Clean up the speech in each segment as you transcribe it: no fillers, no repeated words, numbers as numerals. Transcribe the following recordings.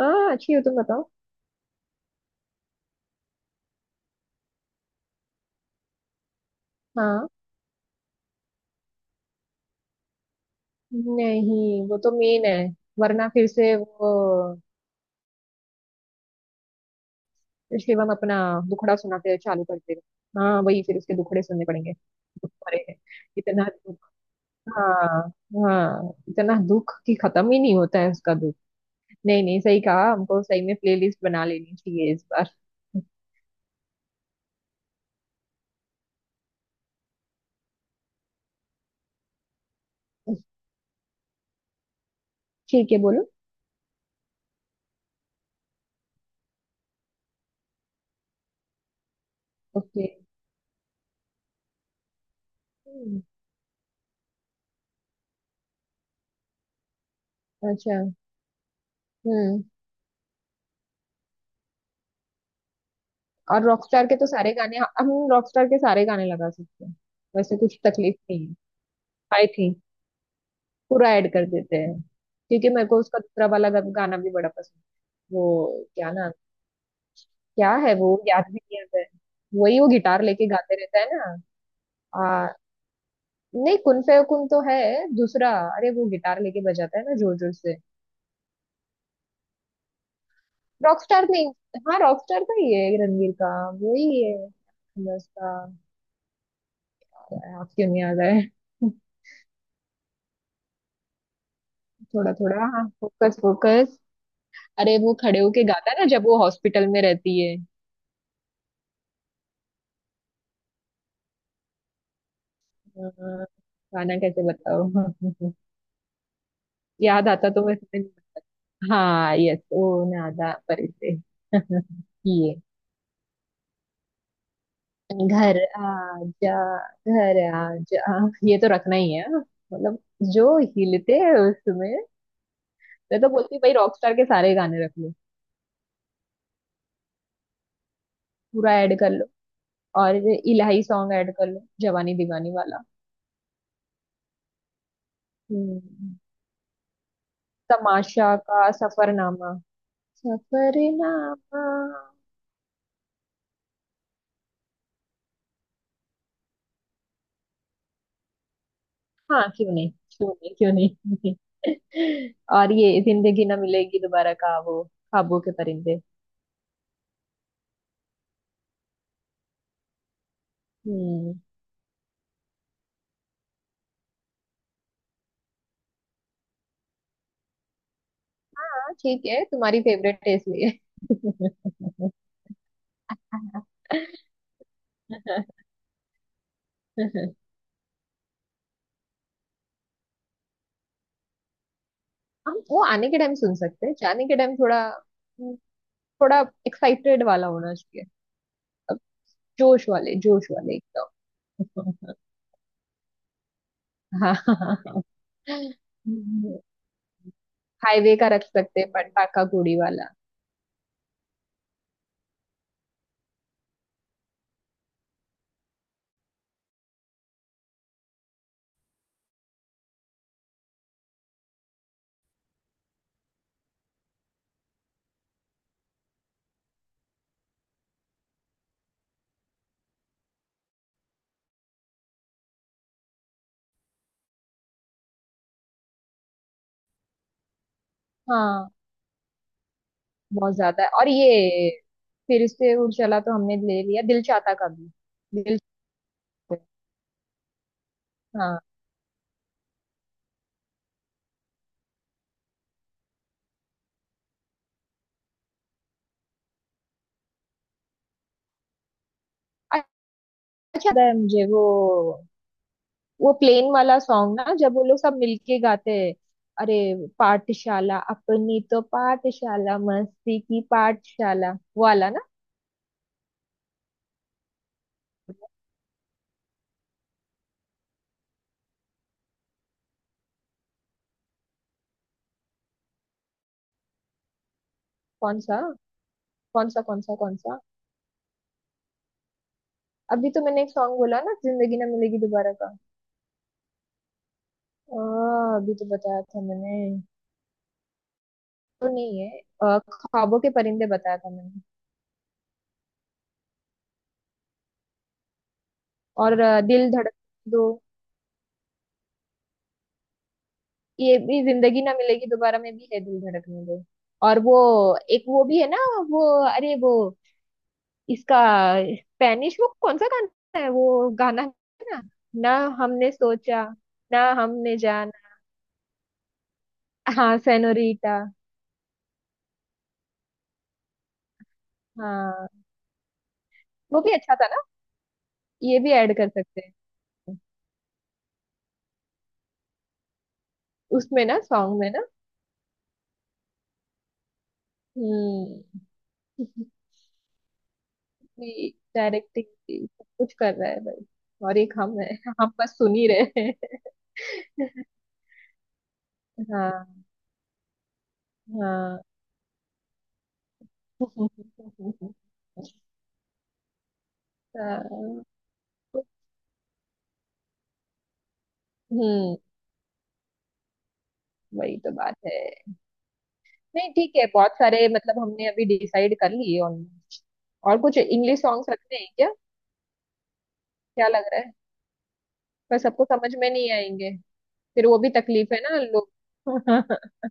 हाँ, अच्छी हो। तुम बताओ। हाँ, नहीं वो तो मेन है। वरना फिर से वो शिवम अपना दुखड़ा सुनाते चालू कर देगा। हाँ, वही फिर उसके दुखड़े सुनने पड़ेंगे। दुख भरे हैं। इतना दुख। हाँ। हाँ, इतना दुख कि खत्म ही नहीं होता है उसका दुख। नहीं नहीं, सही कहा। हमको सही में प्लेलिस्ट बना लेनी चाहिए इस बार। ठीक है, बोलो। ओके। हम्म। अच्छा। हम्म। और रॉकस्टार के तो सारे गाने, हम रॉकस्टार के सारे गाने लगा सकते हैं। वैसे कुछ तकलीफ नहीं। आई थी। पूरा ऐड कर देते हैं। क्योंकि मेरे को उसका दूसरा वाला गाना भी बड़ा पसंद है। वो क्या ना। क्या है वो, याद भी नहीं आता है। वही वो गिटार लेके गाते रहता है ना। आ, नहीं, कुन फे कुन तो है। दूसरा। अरे वो गिटार लेके बजाता है ना, जोर जोर से। रॉकस्टार नहीं। हाँ, रॉकस्टार का ही है रणवीर का। वही है। बस का। आप क्यों नहीं आ गए। थोड़ा थोड़ा, हाँ, फोकस फोकस। अरे वो खड़े होके गाता है ना जब वो हॉस्पिटल में रहती है। हाँ, गाना कैसे बताओ। याद आता तो मैं समझ। हाँ यस, वो ना आधा परे से। ये। घर आजा। घर आजा। ये तो रखना ही है हाँ। मतलब, जो हिलते हैं उसमें। मैं तो बोलती हूँ, भाई रॉकस्टार के सारे गाने रख लो। पूरा ऐड कर लो। और ये इलाही सॉन्ग ऐड कर लो, जवानी दीवानी वाला। हम्म। तमाशा का सफरनामा। सफरनामा। हाँ, क्यों नहीं, क्यों नहीं, क्यों नहीं। और ये जिंदगी ना मिलेगी दोबारा का वो ख्वाबों के परिंदे। हम्म। हाँ ठीक है, तुम्हारी फेवरेट है इसलिए। हम वो आने के टाइम सुन सकते हैं, जाने के टाइम थोड़ा थोड़ा एक्साइटेड वाला होना चाहिए। अब, जोश वाले एकदम। हाँ। हाईवे का रख सकते हैं, पटाखा गुड़ी वाला। हाँ, बहुत ज्यादा है। और ये फिर से उड़ चला तो हमने ले लिया दिल चाहता का भी। दिल चाहता। हाँ, अच्छा लगता है मुझे वो। वो प्लेन वाला सॉन्ग ना, जब वो लोग सब मिलके गाते हैं। अरे, पाठशाला, अपनी तो पाठशाला, मस्ती की पाठशाला वो वाला ना। कौन सा, कौन सा, कौन सा, कौन सा? अभी तो मैंने एक सॉन्ग बोला ना, जिंदगी ना मिलेगी दोबारा का। अभी तो बताया था मैंने। तो नहीं है, ख्वाबों के परिंदे बताया था मैंने। और दिल धड़क दो। ये भी जिंदगी ना मिलेगी दोबारा में भी है, दिल धड़कने दो। और वो, एक वो भी है ना, वो, अरे वो, इसका, स्पेनिश वो कौन सा गाना है, वो गाना है। ना, ना हमने सोचा, ना हमने जाना। हाँ, सेनोरीटा। हाँ, वो भी अच्छा था ना। ये भी ऐड कर सकते हैं। उसमें ना, सॉन्ग में ना। हम्म। डायरेक्टिंग सब कुछ कर रहा है भाई। और एक हम है। हम बस सुन ही रहे हैं। हाँ। हाँ। हाँ। हम्म। वही तो बात है। नहीं ठीक है, बहुत सारे मतलब हमने अभी डिसाइड कर लिए ऑलमोस्ट। और कुछ इंग्लिश सॉन्ग्स रखने हैं क्या? क्या लग रहा है? पर सबको समझ में नहीं आएंगे। फिर वो भी तकलीफ है ना, लोग।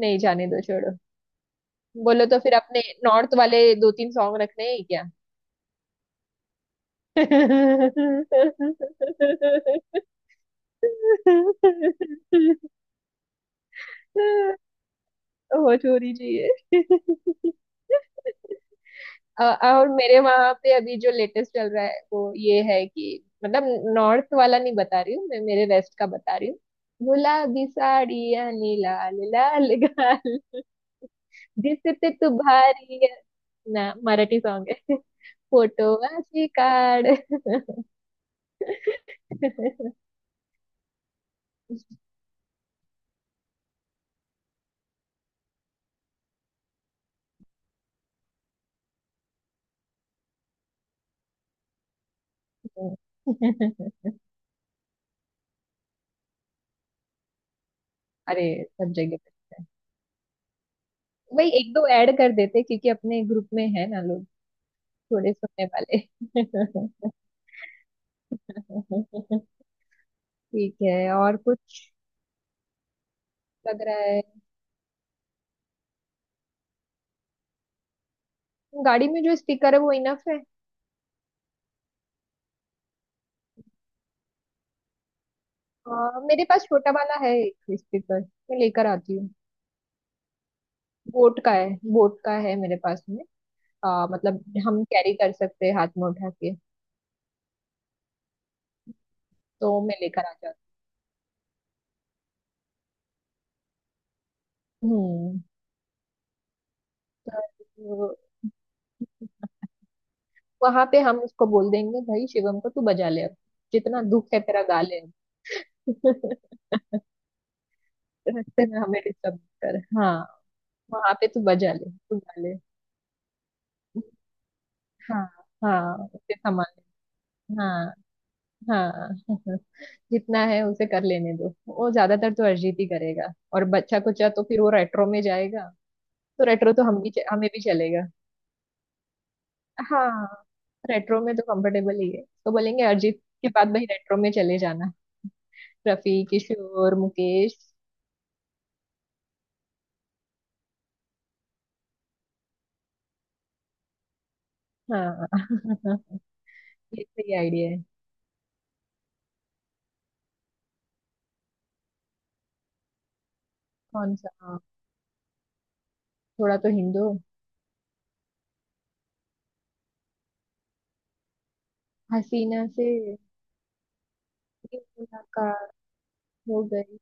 नहीं, जाने दो, छोड़ो। बोलो तो फिर अपने नॉर्थ वाले दो तीन सॉन्ग रखने हैं क्या? हो छोरी जी ये। और मेरे वहां पे अभी जो लेटेस्ट चल रहा है वो ये है कि मतलब, नॉर्थ वाला नहीं बता रही हूँ मैं, मेरे वेस्ट का बता रही हूँ। गुलाबी साड़ियाँ, लाल लाल गाल। दिसते तू भारी है। ना, मराठी सॉन्ग है। फोटो वाची कार्ड। अरे सब जगह पे। वही एक दो ऐड कर देते, क्योंकि अपने ग्रुप में है ना लोग, थोड़े सुनने वाले। ठीक है, और कुछ? लग रहा है, गाड़ी में जो स्पीकर है वो इनफ है। मेरे पास छोटा वाला है एक स्पीकर। मैं लेकर आती हूँ। बोट का है। बोट का है मेरे पास में। मतलब हम कैरी कर सकते हैं हाथ में उठा के। तो मैं लेकर आ जाती हूँ। हम्म। तो वहां पे हम उसको बोल देंगे, भाई शिवम को तू बजा ले अब। जितना दुख है तेरा गा ले अब। रास्ते में हमें डिस्टर्ब कर, हाँ। वहां पे तू बजा ले, तू गा ले। हाँ। हाँ, उसे संभाल ले, हाँ। हाँ। जितना है उसे कर लेने दो। वो ज्यादातर तो अरिजीत ही करेगा। और बच्चा कुचा तो फिर वो रेट्रो में जाएगा। तो रेट्रो तो हम भी, हमें भी चलेगा। हाँ। रेट्रो में तो कंफर्टेबल ही है, तो बोलेंगे अरिजीत के बाद भाई रेट्रो में चले जाना। रफी, किशोर, मुकेश। हाँ, ये सही आइडिया है। कौन सा? हाँ, थोड़ा तो हिंदू हसीना से। ये मुलाकात हो गई।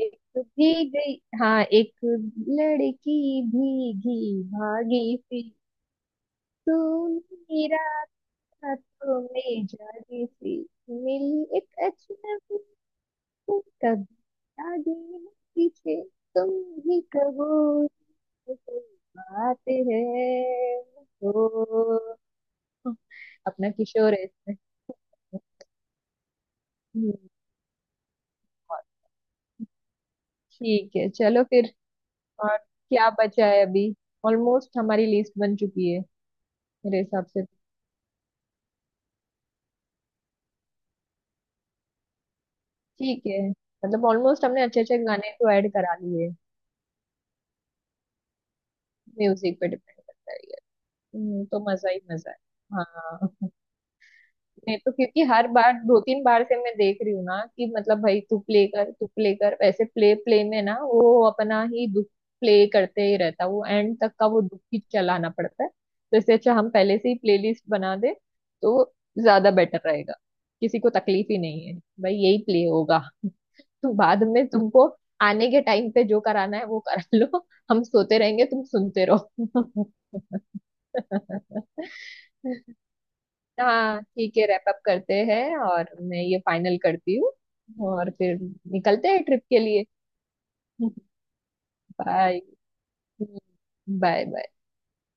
एक तो भीग गई। हाँ, एक लड़की भीगी भागी सी। तू मेरा था तो मैं जाने से। मिली एक अजनबी से। कभी आगे न पीछे। तुम ही कहो तो कोई बात है। ओ। अपना किशोर है इसमें। हम्म, और, ठीक है, चलो फिर। और क्या बचा है अभी? ऑलमोस्ट हमारी लिस्ट बन चुकी है। मेरे हिसाब से। ठीक है, मतलब ऑलमोस्ट हमने अच्छे अच्छे गाने तो ऐड करा लिए। म्यूजिक पे डिपेंड करता है। तो मजा ही मजा है। हाँ। मैं तो क्योंकि हर बार, दो तीन बार से मैं देख रही हूँ ना कि मतलब, भाई तू प्ले कर, तू प्ले कर, वैसे प्ले प्ले में ना वो अपना ही दुख प्ले करते ही रहता है, वो एंड तक का वो दुख ही चलाना पड़ता है, तो इससे अच्छा हम पहले से ही प्लेलिस्ट बना दे। तो ज्यादा बेटर रहेगा। किसी को तकलीफ ही नहीं है। भाई यही प्ले होगा। तो बाद में तुमको आने के टाइम पे जो कराना है वो करा लो। हम सोते रहेंगे, तुम सुनते रहो। हाँ ठीक है, रैप अप करते हैं और मैं ये फाइनल करती हूँ, और फिर निकलते हैं ट्रिप के लिए। Bye, bye.